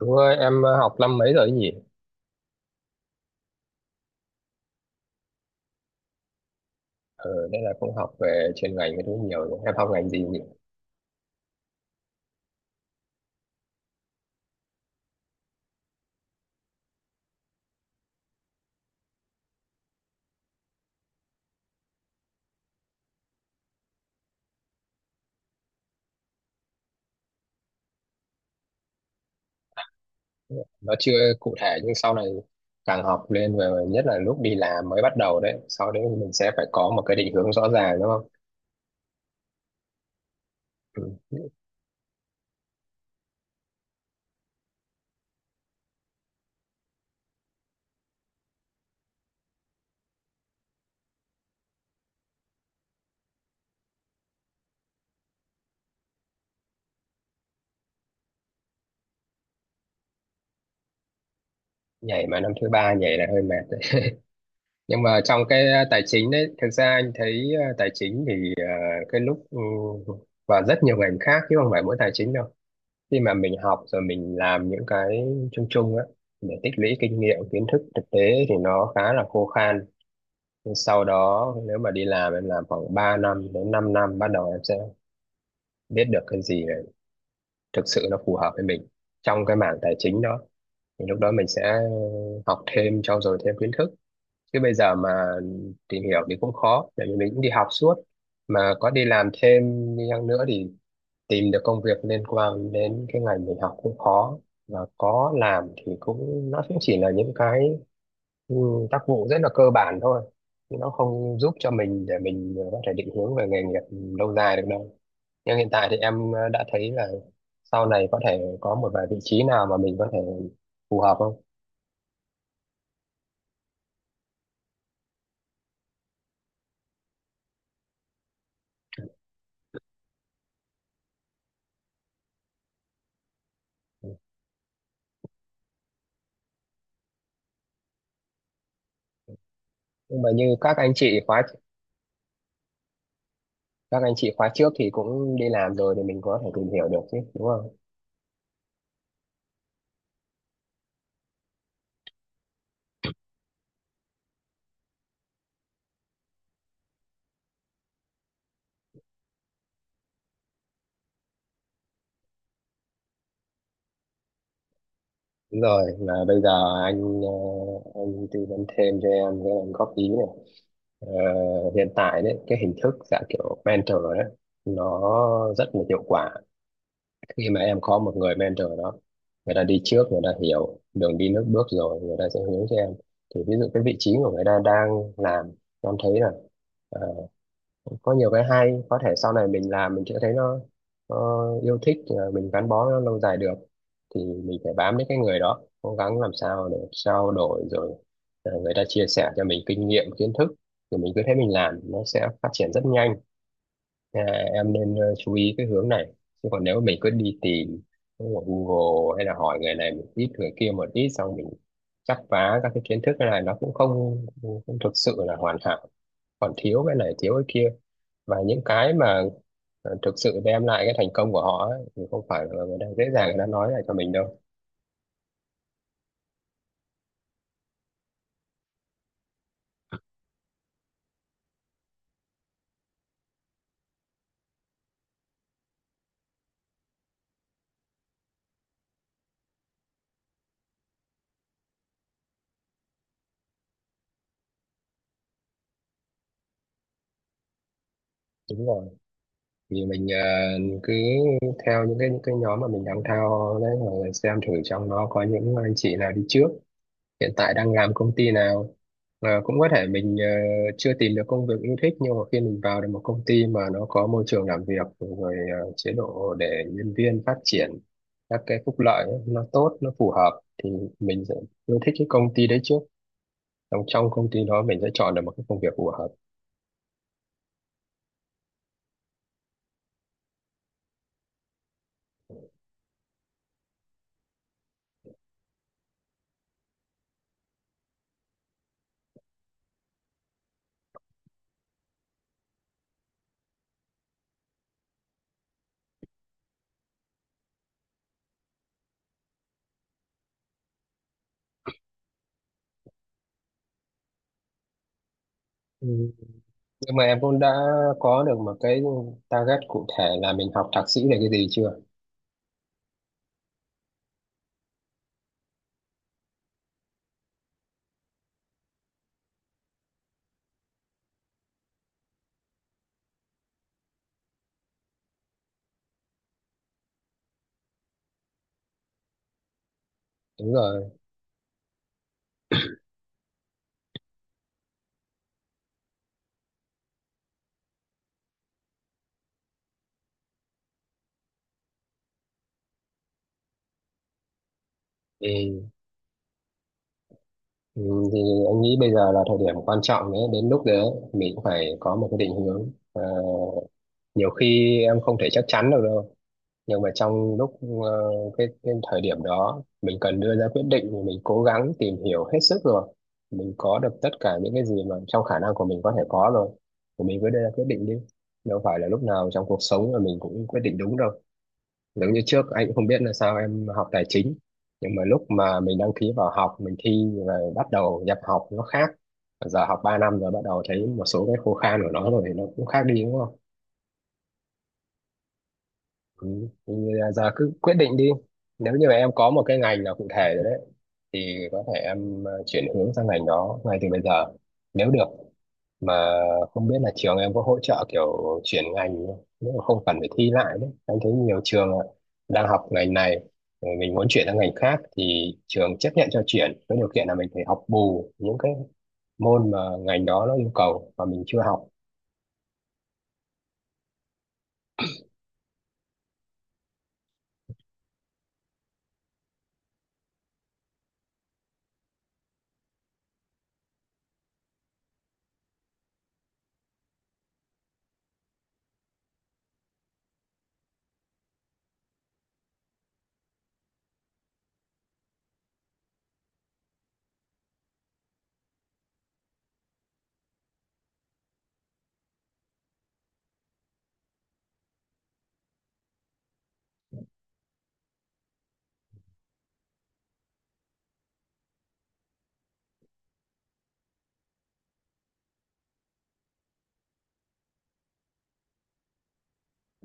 Đúng rồi, em học năm mấy rồi ấy nhỉ? Ờ, nên là cũng học về chuyên ngành cái thứ nhiều nhỉ? Em học ngành gì nhỉ? Nó chưa cụ thể nhưng sau này càng học lên, về nhất là lúc đi làm mới bắt đầu đấy. Sau đấy thì mình sẽ phải có một cái định hướng rõ ràng đúng không? Ừ. Nhảy mà năm thứ ba nhảy là hơi mệt đấy. Nhưng mà trong cái tài chính đấy, thực ra anh thấy tài chính thì cái lúc ừ, và rất nhiều ngành khác chứ không phải mỗi tài chính đâu. Khi mà mình học rồi mình làm những cái chung chung á để tích lũy kinh nghiệm kiến thức thực tế thì nó khá là khô khan. Nhưng sau đó nếu mà đi làm, em làm khoảng 3 năm đến 5 năm, bắt đầu em sẽ biết được cái gì là thực sự nó phù hợp với mình, trong cái mảng tài chính đó thì lúc đó mình sẽ học thêm, trau dồi thêm kiến thức. Chứ bây giờ mà tìm hiểu thì cũng khó, tại vì mình cũng đi học suốt, mà có đi làm thêm đi chăng nữa thì tìm được công việc liên quan đến cái ngành mình học cũng khó, và có làm thì cũng, nó cũng chỉ là những cái ừ, tác vụ rất là cơ bản thôi, chứ nó không giúp cho mình để mình có thể định hướng về nghề nghiệp lâu dài được đâu. Nhưng hiện tại thì em đã thấy là sau này có thể có một vài vị trí nào mà mình có thể phù hợp không. Nhưng mà như các anh chị khóa, các anh chị khóa trước thì cũng đi làm rồi thì mình có thể tìm hiểu được chứ đúng không? Đúng rồi, mà bây giờ anh anh tư vấn thêm cho em, cái em góp ý này. Ờ, hiện tại đấy cái hình thức dạng kiểu mentor đấy nó rất là hiệu quả. Khi mà em có một người mentor đó, người ta đi trước, người ta hiểu đường đi nước bước rồi, người ta sẽ hướng cho em. Thì ví dụ cái vị trí của người ta đang làm em thấy là ờ, có nhiều cái hay, có thể sau này mình làm mình sẽ thấy nó yêu thích, mình gắn bó nó lâu dài được, thì mình phải bám đến cái người đó, cố gắng làm sao để trao đổi rồi người ta chia sẻ cho mình kinh nghiệm kiến thức, thì mình cứ thế mình làm, nó sẽ phát triển rất nhanh. À, em nên chú ý cái hướng này. Chứ còn nếu mình cứ đi tìm ở Google hay là hỏi người này một ít, người kia một ít, xong mình chắp vá các cái kiến thức, này nó cũng không thực sự là hoàn hảo, còn thiếu cái này thiếu cái kia. Và những cái mà thực sự đem lại cái thành công của họ ấy, thì không phải là người ta dễ dàng người ta nói lại cho mình đâu. Đúng rồi, vì mình cứ theo những cái nhóm mà mình đang theo đấy, rồi xem thử trong nó có những anh chị nào đi trước hiện tại đang làm công ty nào. Ờ, cũng có thể mình chưa tìm được công việc yêu thích, nhưng mà khi mình vào được một công ty mà nó có môi trường làm việc rồi, chế độ để nhân viên phát triển, các cái phúc lợi ấy, nó tốt nó phù hợp, thì mình sẽ yêu thích cái công ty đấy trước, trong trong công ty đó mình sẽ chọn được một cái công việc phù hợp. Ừ, nhưng mà em cũng đã có được một cái target cụ thể là mình học thạc sĩ là cái gì chưa? Đúng rồi. Ừ. Ừ, thì anh nghĩ bây giờ là thời điểm quan trọng đấy, đến lúc đấy mình cũng phải có một cái định hướng. Ờ, nhiều khi em không thể chắc chắn được đâu, nhưng mà trong lúc ờ, cái thời điểm đó mình cần đưa ra quyết định, thì mình cố gắng tìm hiểu hết sức rồi, mình có được tất cả những cái gì mà trong khả năng của mình có thể có rồi, thì mình cứ đưa ra quyết định đi. Đâu phải là lúc nào trong cuộc sống là mình cũng quyết định đúng đâu. Giống như trước anh cũng không biết là sao em học tài chính, nhưng mà lúc mà mình đăng ký vào học, mình thi rồi bắt đầu nhập học nó khác, giờ học 3 năm rồi bắt đầu thấy một số cái khô khan của nó rồi thì nó cũng khác đi đúng không? Ừ. Thì giờ cứ quyết định đi, nếu như mà em có một cái ngành nào cụ thể rồi đấy thì có thể em chuyển hướng sang ngành đó ngay từ bây giờ nếu được. Mà không biết là trường em có hỗ trợ kiểu chuyển ngành không? Nếu mà không cần phải thi lại đấy, anh thấy nhiều trường ạ, đang học ngành này rồi mình muốn chuyển sang ngành khác thì trường chấp nhận cho chuyển, với điều kiện là mình phải học bù những cái môn mà ngành đó nó yêu cầu mà mình chưa học.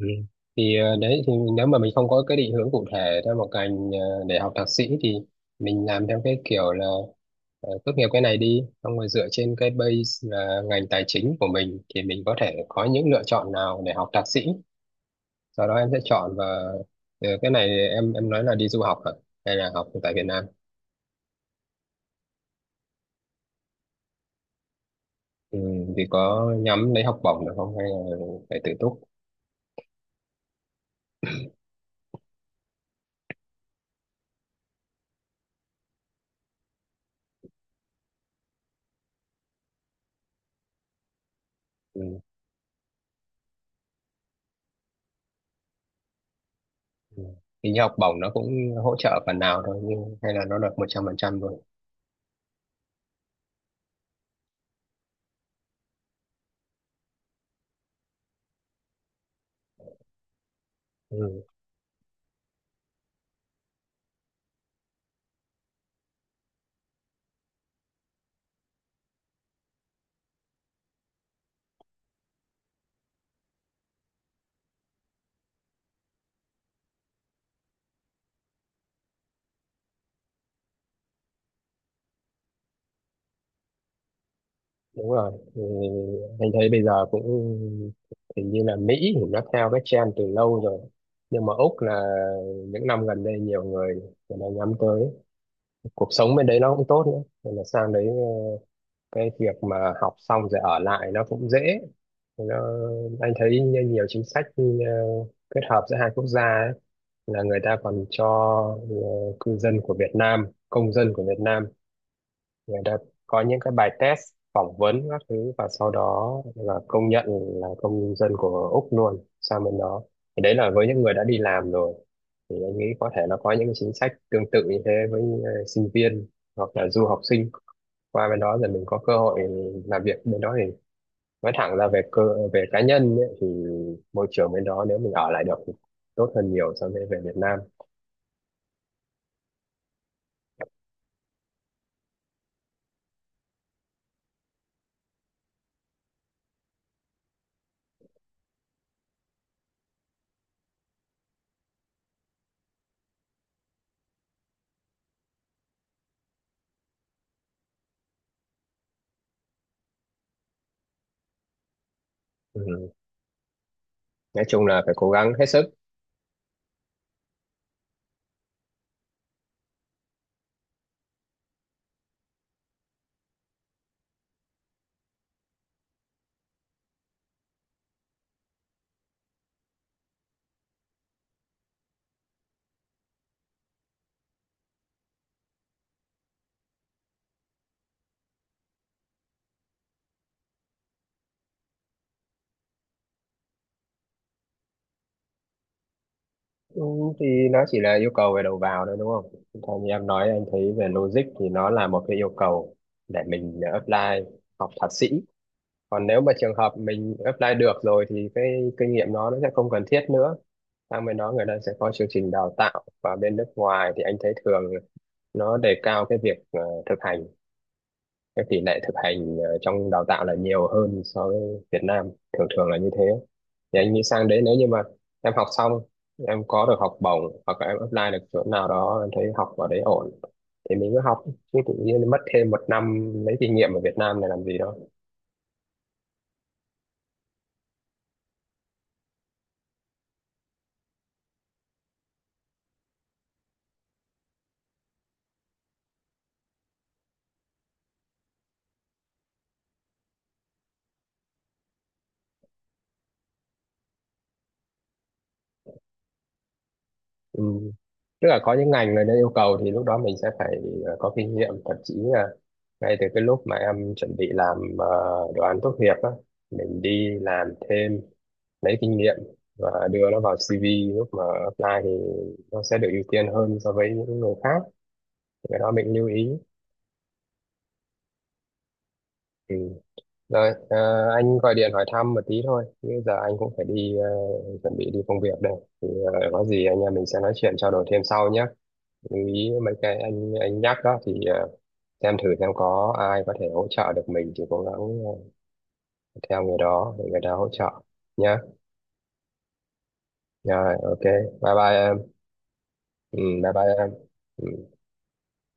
Ừ. Thì đấy, thì nếu mà mình không có cái định hướng cụ thể theo một ngành để học thạc sĩ, thì mình làm theo cái kiểu là tốt nghiệp cái này đi xong rồi dựa trên cái base là ngành tài chính của mình, thì mình có thể có những lựa chọn nào để học thạc sĩ, sau đó em sẽ chọn. Và cái này em nói là đi du học hả, hay là học tại Việt Nam? Ừ, thì có nhắm lấy học bổng được không, hay là phải tự túc? Ừ. Ừ. Hình như học bổng nó cũng hỗ trợ phần nào thôi, nhưng hay là nó được 100%? Rồi. Đúng rồi, thì anh thấy bây giờ cũng hình như là Mỹ thì nó theo cái trend từ lâu rồi, nhưng mà Úc là những năm gần đây nhiều người, người ta nhắm tới, cuộc sống bên đấy nó cũng tốt nữa, nên là sang đấy cái việc mà học xong rồi ở lại nó cũng dễ. Thì anh thấy như nhiều chính sách kết hợp giữa hai quốc gia ấy, là người ta còn cho ờ, cư dân của Việt Nam, công dân của Việt Nam, người ta có những cái bài test, phỏng vấn các thứ, và sau đó là công nhận là công dân của Úc luôn sang bên đó. Thì đấy là với những người đã đi làm rồi, thì anh nghĩ có thể nó có những cái chính sách tương tự như thế với sinh viên hoặc là du học sinh, qua bên đó rồi mình có cơ hội làm việc bên đó, thì nói thẳng là về về cá nhân ấy, thì môi trường bên đó nếu mình ở lại được thì tốt hơn nhiều so với về Việt Nam. Ừ. Nói chung là phải cố gắng hết sức. Ừ, thì nó chỉ là yêu cầu về đầu vào thôi đúng không? Còn như em nói, anh thấy về logic thì nó là một cái yêu cầu để mình apply học thạc sĩ. Còn nếu mà trường hợp mình apply được rồi thì cái kinh nghiệm nó sẽ không cần thiết nữa. Sang bên đó người ta sẽ có chương trình đào tạo, và bên nước ngoài thì anh thấy thường nó đề cao cái việc thực hành, các tỷ lệ thực hành trong đào tạo là nhiều hơn so với Việt Nam, thường thường là như thế. Thì anh nghĩ sang đấy nếu như mà em học xong, em có được học bổng hoặc là em apply được chỗ nào đó em thấy học ở đấy ổn thì mình cứ học. Chứ tự nhiên mất thêm 1 năm lấy kinh nghiệm ở Việt Nam này làm gì đâu. Ừ. Tức là có những ngành người ta yêu cầu, thì lúc đó mình sẽ phải có kinh nghiệm, thậm chí là ngay từ cái lúc mà em chuẩn bị làm đồ án tốt nghiệp á, mình đi làm thêm lấy kinh nghiệm và đưa nó vào CV, lúc mà apply thì nó sẽ được ưu tiên hơn so với những người khác, cái đó mình lưu ý. Ừ. Rồi anh gọi điện hỏi thăm một tí thôi, bây giờ anh cũng phải đi chuẩn bị đi công việc đây. Thì có gì anh em mình sẽ nói chuyện trao đổi thêm sau nhé. Lưu ý mấy cái anh nhắc đó thì xem thử xem có ai có thể hỗ trợ được mình thì cố gắng theo người đó để người ta hỗ trợ nhé. Rồi, ok, bye bye em. Ừ, bye bye em. Ừ.